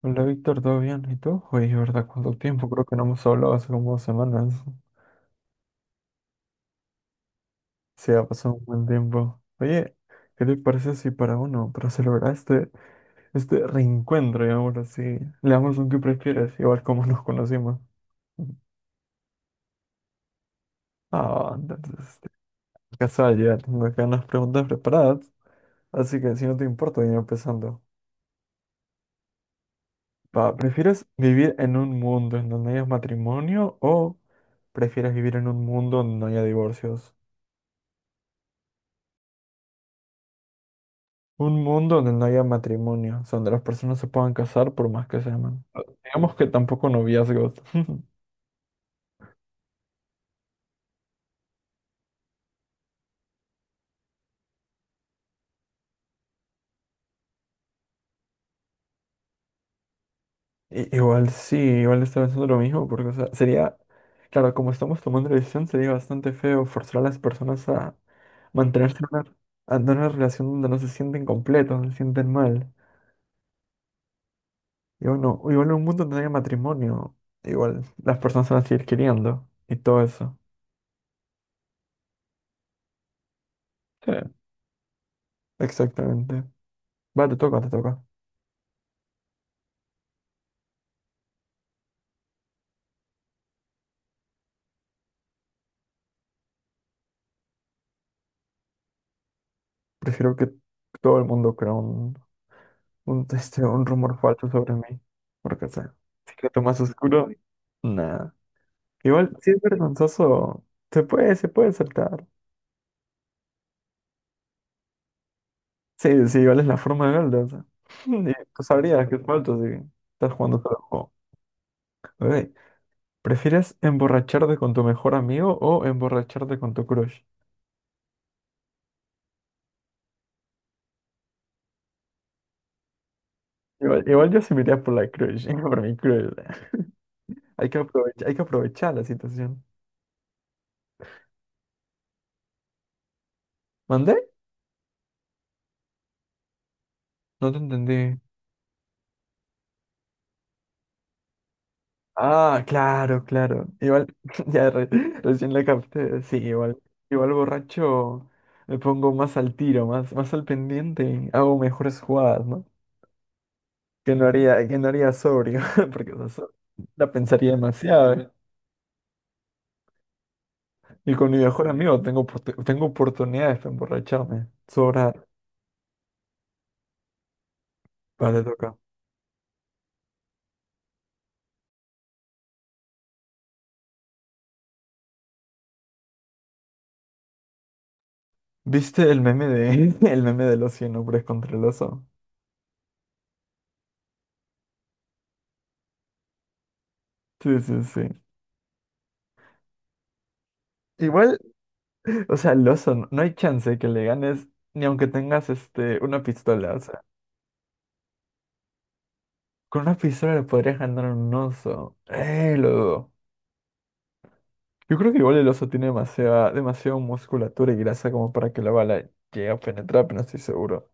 Hola Víctor, ¿todo bien? ¿Y tú? Oye, ¿verdad? ¿Cuánto tiempo? Creo que no hemos hablado hace como 2 semanas. Sí, ha pasado un buen tiempo. Oye, ¿qué te parece si para celebrar este reencuentro, digamos así, le damos un que prefieres, igual como nos conocimos? Ah, entonces, casual, ya tengo acá unas preguntas preparadas, así que si no te importa, voy empezando. Va, ¿prefieres vivir en un mundo en donde haya matrimonio o prefieres vivir en un mundo donde no haya divorcios? Un mundo donde no haya matrimonio, o sea, donde las personas se puedan casar por más que se aman. Digamos que tampoco noviazgos. Igual sí, igual estaba pensando lo mismo, porque o sea, sería, claro, como estamos tomando la decisión, sería bastante feo forzar a las personas a mantenerse en una, a tener una relación donde no se sienten completos, no se sienten mal. Y bueno, o igual en un mundo donde no haya matrimonio, igual las personas se van a seguir queriendo y todo eso. Sí. Exactamente. Va, te toca, te toca. Prefiero que todo el mundo crea un rumor falso sobre mí. Porque, o sea, secreto más oscuro, nada. Igual, si es vergonzoso, se puede aceptar. Sí, sí, igual es la forma de Golda, o sea. Y tú sabrías que es falso si estás jugando solo el juego. Ok, ¿prefieres emborracharte con tu mejor amigo o emborracharte con tu crush? Igual, igual yo sí me iría por la crush, por mi crush. Hay que aprovechar la situación. ¿Mandé? No te entendí. Ah, claro, claro. Igual, ya recién la capté. Sí, igual, igual borracho me pongo más al tiro, más al pendiente y hago mejores jugadas, ¿no? Que no haría sobrio, porque o sea, la pensaría demasiado, ¿eh? Y con mi mejor amigo tengo oportunidades para emborracharme. Sobra. Vale, toca. ¿Viste el meme de el meme del oso y el hombre contra el oso? Sí, sí, sí. Igual o sea, el oso, no, no hay chance que le ganes, ni aunque tengas una pistola. O sea, con una pistola le podrías ganar a un oso. Lo dudo. Yo creo que igual el oso tiene demasiada, demasiada musculatura y grasa como para que la bala llegue a penetrar, pero no estoy seguro.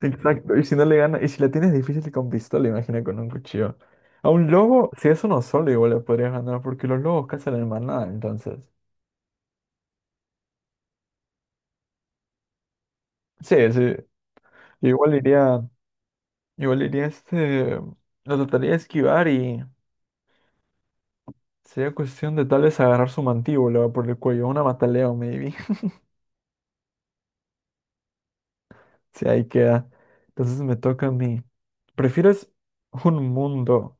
Exacto, y si no le gana, y si la tienes difícil con pistola, imagina con un cuchillo. A un lobo, si es uno solo, igual le podrías ganar, porque los lobos cazan en manada, entonces. Sí, sí. Igual iría, igual iría lo trataría de esquivar y sería cuestión de tal vez agarrar su mantíbula por el cuello, una mataleo, maybe. Si ahí queda. Entonces me toca a mí. ¿Prefieres un mundo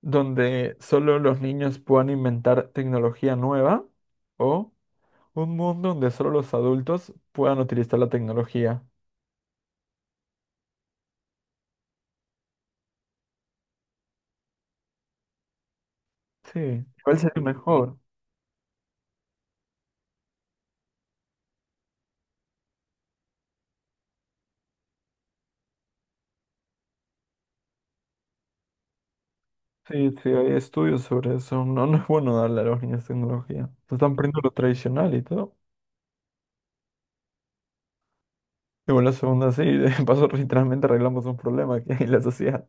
donde solo los niños puedan inventar tecnología nueva? ¿O un mundo donde solo los adultos puedan utilizar la tecnología? Sí. ¿Cuál sería mejor? Sí, sí, hay estudios sobre eso. No, no es bueno darle a los niños tecnología. Se están perdiendo lo tradicional y todo. Y bueno, la segunda sí, de paso literalmente arreglamos un problema que hay en la sociedad.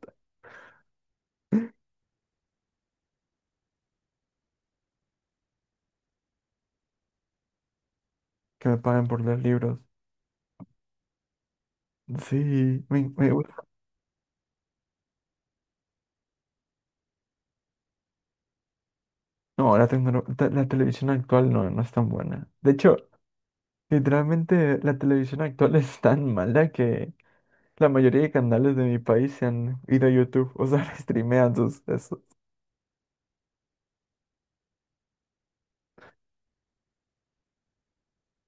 Que me paguen por leer libros. Sí, me gusta. No, la, la televisión actual no, no es tan buena. De hecho, literalmente la televisión actual es tan mala que la mayoría de canales de mi país se han ido a YouTube, o sea, streamean sus... Eso.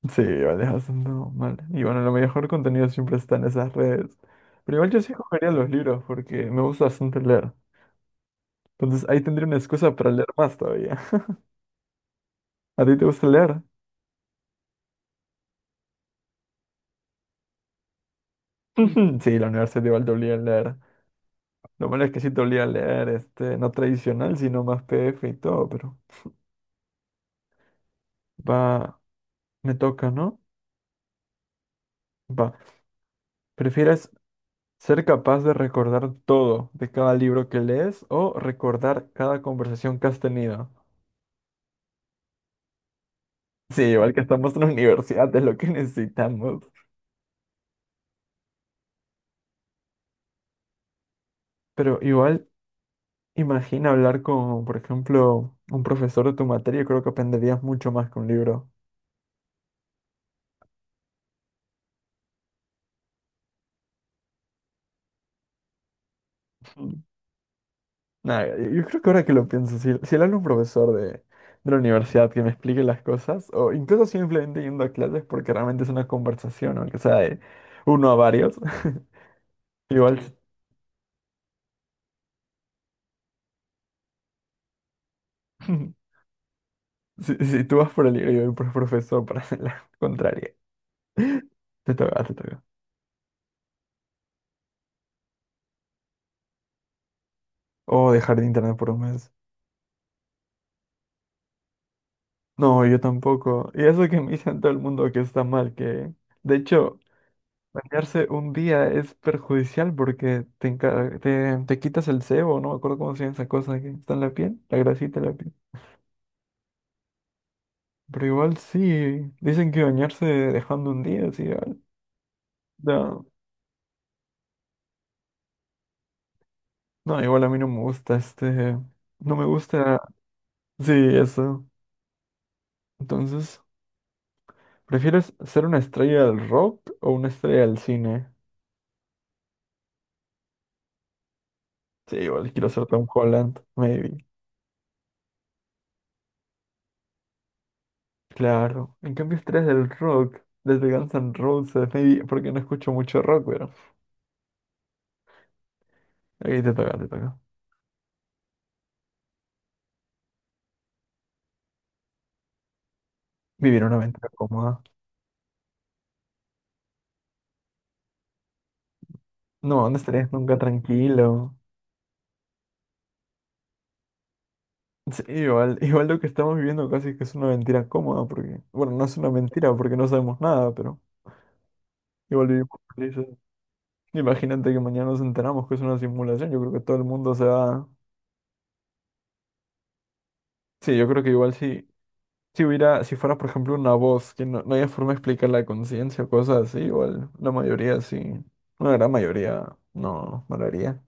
Sí, vale, haciendo mal. Y bueno, lo mejor contenido siempre está en esas redes. Pero igual yo sí cogería los libros porque me gusta bastante leer. Entonces ahí tendría una excusa para leer más todavía. ¿A ti te gusta leer? Sí, la universidad igual te obliga a leer. Lo malo es que sí te olía leer, no tradicional, sino más PF y todo, pero va, me toca, ¿no? Va. ¿Prefieres ser capaz de recordar todo de cada libro que lees o recordar cada conversación que has tenido? Sí, igual que estamos en la universidad, es lo que necesitamos. Pero igual, imagina hablar con, por ejemplo, un profesor de tu materia, creo que aprenderías mucho más que un libro. Nah, yo creo que ahora que lo pienso, si le hablo a un profesor de la universidad que me explique las cosas, o incluso simplemente yendo a clases porque realmente es una conversación, aunque sea de uno a varios, igual ujú. Si tú vas por el libro y yo voy por el profesor para hacer la contraria, te toca, te toca. O dejar de internet por un mes. No, yo tampoco. Y eso que me dicen todo el mundo que está mal, que de hecho... Bañarse un día es perjudicial porque te quitas el sebo, no me acuerdo cómo se llama esa cosa que está en la piel, la grasita de la piel. Pero igual sí, dicen que bañarse dejando un día, sí, igual. No, no, igual a mí no me gusta, no me gusta, sí, eso. Entonces, ¿prefieres ser una estrella del rock o una estrella del cine? Sí, igual quiero ser Tom Holland, maybe. Claro, en cambio estrellas del rock, desde Guns N' Roses, maybe, porque no escucho mucho rock, pero... Ahí te toca, te toca. Vivir una aventura cómoda. No, no estarías nunca tranquilo. Sí, igual, igual lo que estamos viviendo casi que es una mentira cómoda, porque, bueno, no es una mentira porque no sabemos nada, pero igual vivimos felices. Imagínate que mañana nos enteramos que es una simulación, yo creo que todo el mundo se va... Sí, yo creo que igual si hubiera, si fuera, por ejemplo, una voz, que no, no haya forma de explicar la conciencia o cosas así, igual la mayoría sí, una gran mayoría no, no lo haría.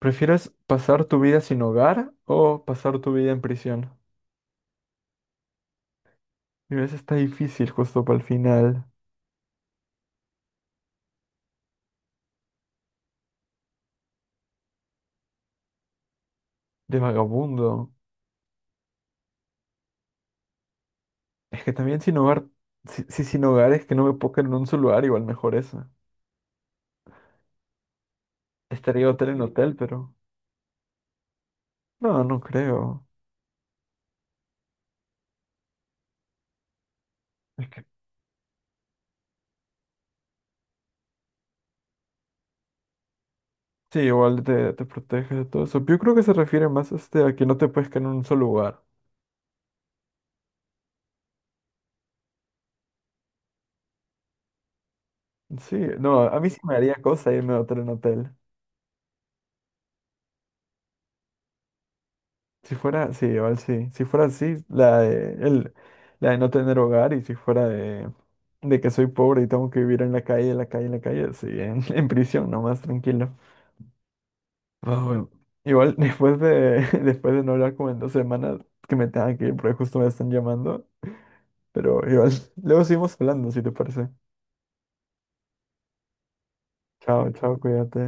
¿Prefieres pasar tu vida sin hogar o pasar tu vida en prisión? Y a veces está difícil justo para el final, de vagabundo. Es que también sin hogar, si, si sin hogar es que no me puedo quedar en un solo lugar, igual mejor esa. Estaría hotel en hotel, pero... No, no creo. Es que sí, igual te proteges de todo eso. Yo creo que se refiere más a que no te puedes quedar en un solo lugar. Sí, no, a mí sí me haría cosa irme de hotel en hotel. Si fuera, sí, igual sí. Si fuera así, la de no tener hogar y si fuera de, que soy pobre y tengo que vivir en la calle, en la calle, en la calle, sí, en, en prisión, nomás tranquilo. Ah, bueno. Igual después de, después de no hablar como en 2 semanas, que me tengan que ir porque justo me están llamando, pero igual, luego seguimos hablando, si te parece. Chao, chao, cuídate.